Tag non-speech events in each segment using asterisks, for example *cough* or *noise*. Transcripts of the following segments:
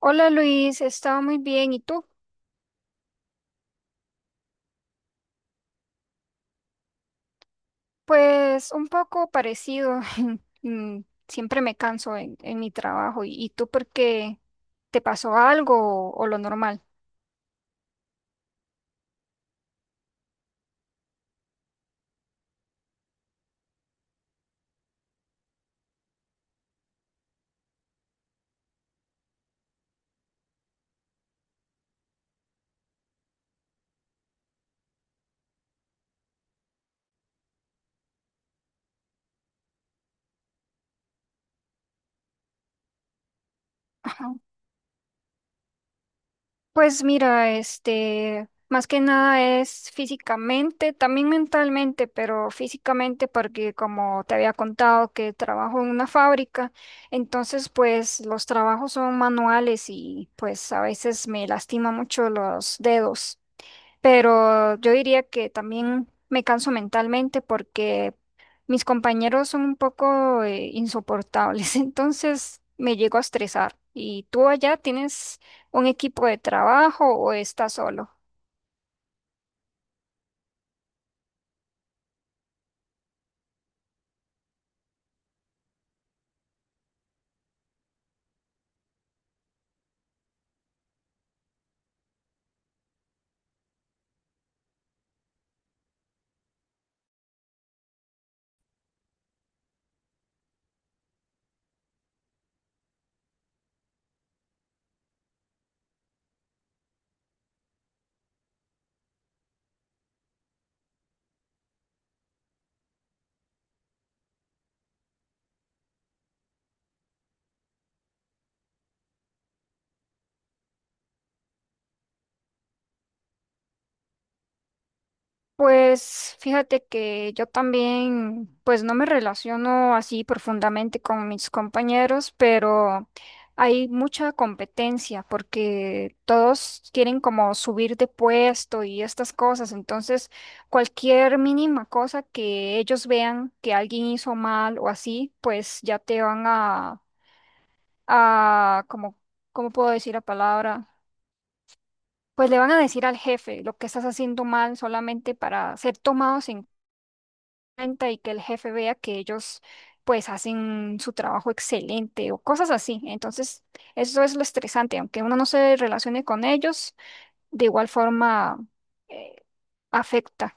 Hola Luis, estaba muy bien. ¿Y tú? Pues un poco parecido. *laughs* Mm, siempre me canso en mi trabajo. ¿Y tú por qué te pasó algo o lo normal? Ajá. Pues mira, este, más que nada es físicamente, también mentalmente, pero físicamente porque como te había contado que trabajo en una fábrica, entonces pues los trabajos son manuales y pues a veces me lastima mucho los dedos. Pero yo diría que también me canso mentalmente porque mis compañeros son un poco insoportables, *laughs* entonces me llego a estresar. ¿Y tú allá tienes un equipo de trabajo o estás solo? Pues fíjate que yo también, pues no me relaciono así profundamente con mis compañeros, pero hay mucha competencia porque todos quieren como subir de puesto y estas cosas. Entonces, cualquier mínima cosa que ellos vean que alguien hizo mal o así, pues ya te van a como, ¿cómo puedo decir la palabra? Pues le van a decir al jefe lo que estás haciendo mal solamente para ser tomados en cuenta y que el jefe vea que ellos pues hacen su trabajo excelente o cosas así. Entonces, eso es lo estresante, aunque uno no se relacione con ellos, de igual forma eh, afecta.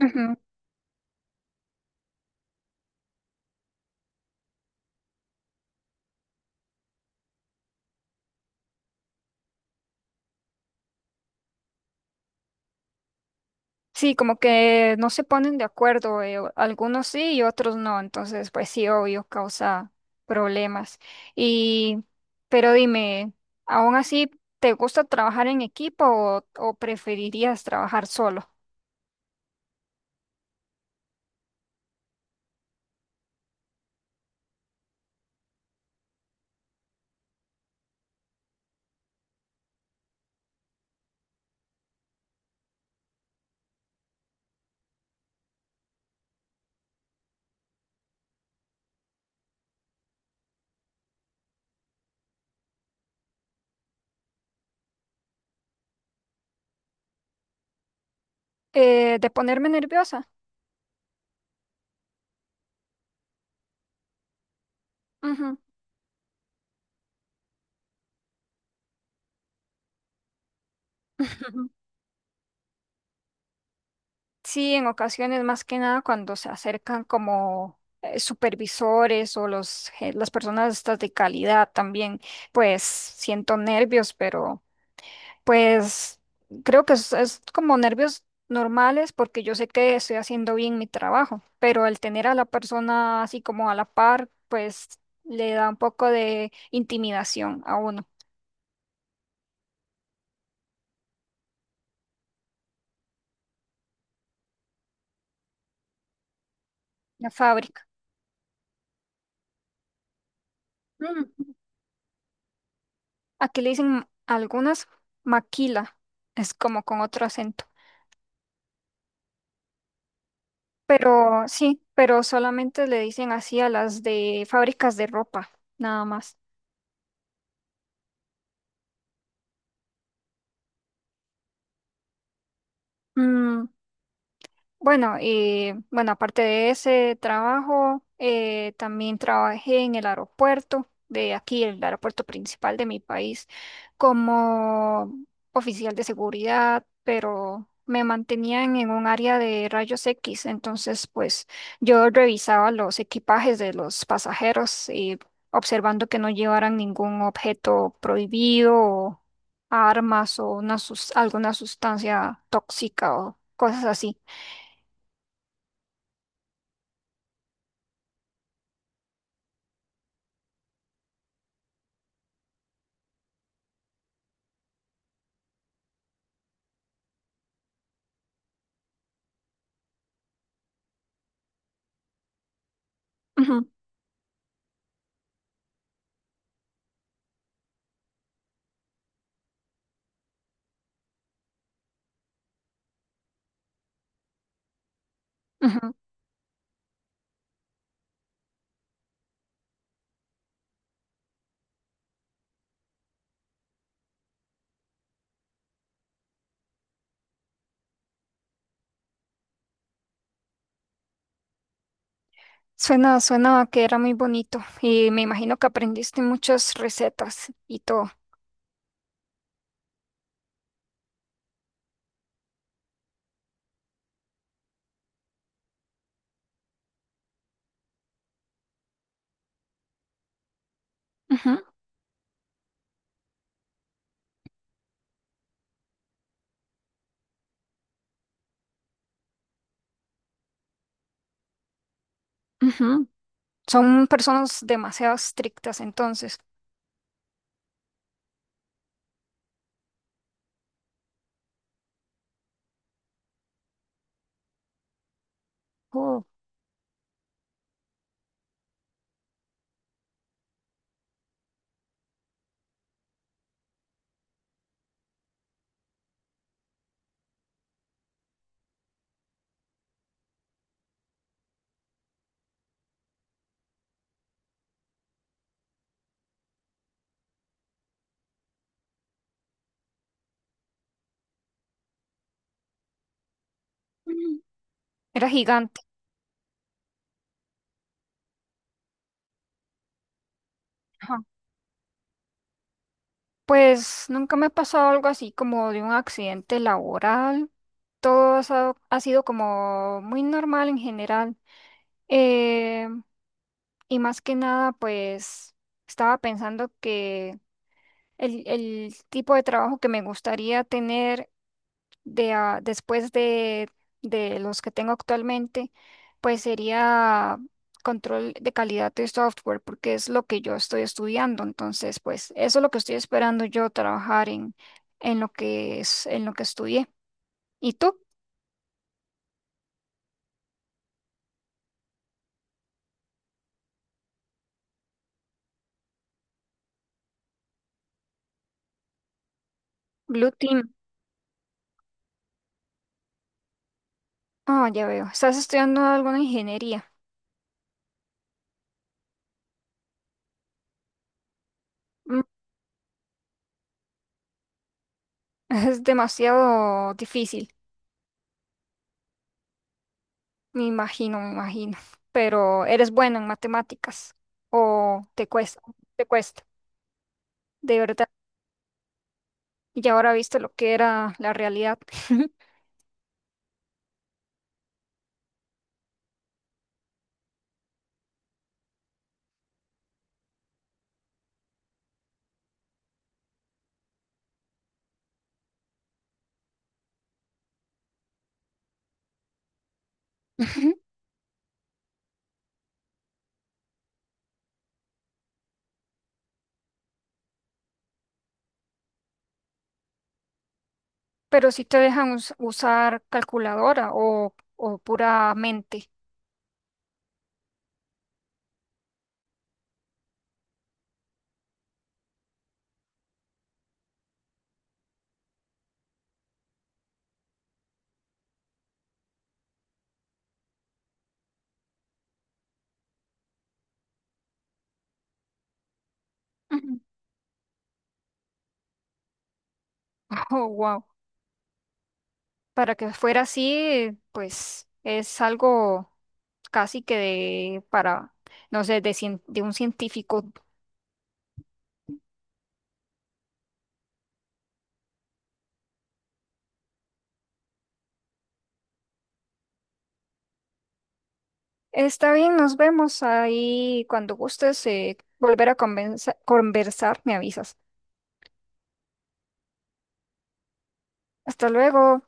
Ujú. Sí, como que no se ponen de acuerdo, algunos sí y otros no, entonces pues sí, obvio, causa problemas. Y, pero dime, ¿aún así te gusta trabajar en equipo o preferirías trabajar solo? De ponerme nerviosa. Ujú. *laughs* Sí, en ocasiones más que nada cuando se acercan como supervisores o los, las personas estas de calidad también, pues siento nervios, pero pues creo que es como nervios normales porque yo sé que estoy haciendo bien mi trabajo, pero el tener a la persona así como a la par, pues le da un poco de intimidación a uno. La fábrica. Aquí le dicen algunas maquila, es como con otro acento. Pero sí, pero solamente le dicen así a las de fábricas de ropa, nada más. Mm, bueno, y bueno, aparte de ese trabajo, también trabajé en el aeropuerto de aquí, el aeropuerto principal de mi país, como oficial de seguridad, pero me mantenían en un área de rayos X, entonces pues yo revisaba los equipajes de los pasajeros y observando que no llevaran ningún objeto prohibido o armas o alguna sustancia tóxica o cosas así. Ujú. Ujú. Suena, suena que era muy bonito y me imagino que aprendiste muchas recetas y todo. Ujú, ujú. Son personas demasiado estrictas entonces. Oh, mm, era gigante. Ajá. Pues nunca me ha pasado algo así como de un accidente laboral. Todo ha sido como muy normal en general. Eh, y más que nada, pues estaba pensando que el tipo de trabajo que me gustaría tener después de los que tengo actualmente, pues sería control de calidad de software, porque es lo que yo estoy estudiando. Entonces, pues eso es lo que estoy esperando yo trabajar en lo que en lo que estudié. ¿Y tú? Blue Team. Ah, ya veo. Estás estudiando alguna ingeniería. Mm, *laughs* es demasiado difícil, me imagino, me imagino. Pero eres bueno en matemáticas o te cuesta, de verdad. Y ahora viste lo que era la realidad. *laughs* Pero si te dejan usar calculadora o pura mente. Ujú. *laughs* Oh, wow. Para que fuera así, pues es algo casi que de, para, no sé, de, de un científico. Está bien, nos vemos ahí cuando gustes volver a conversar, me avisas. Hasta luego.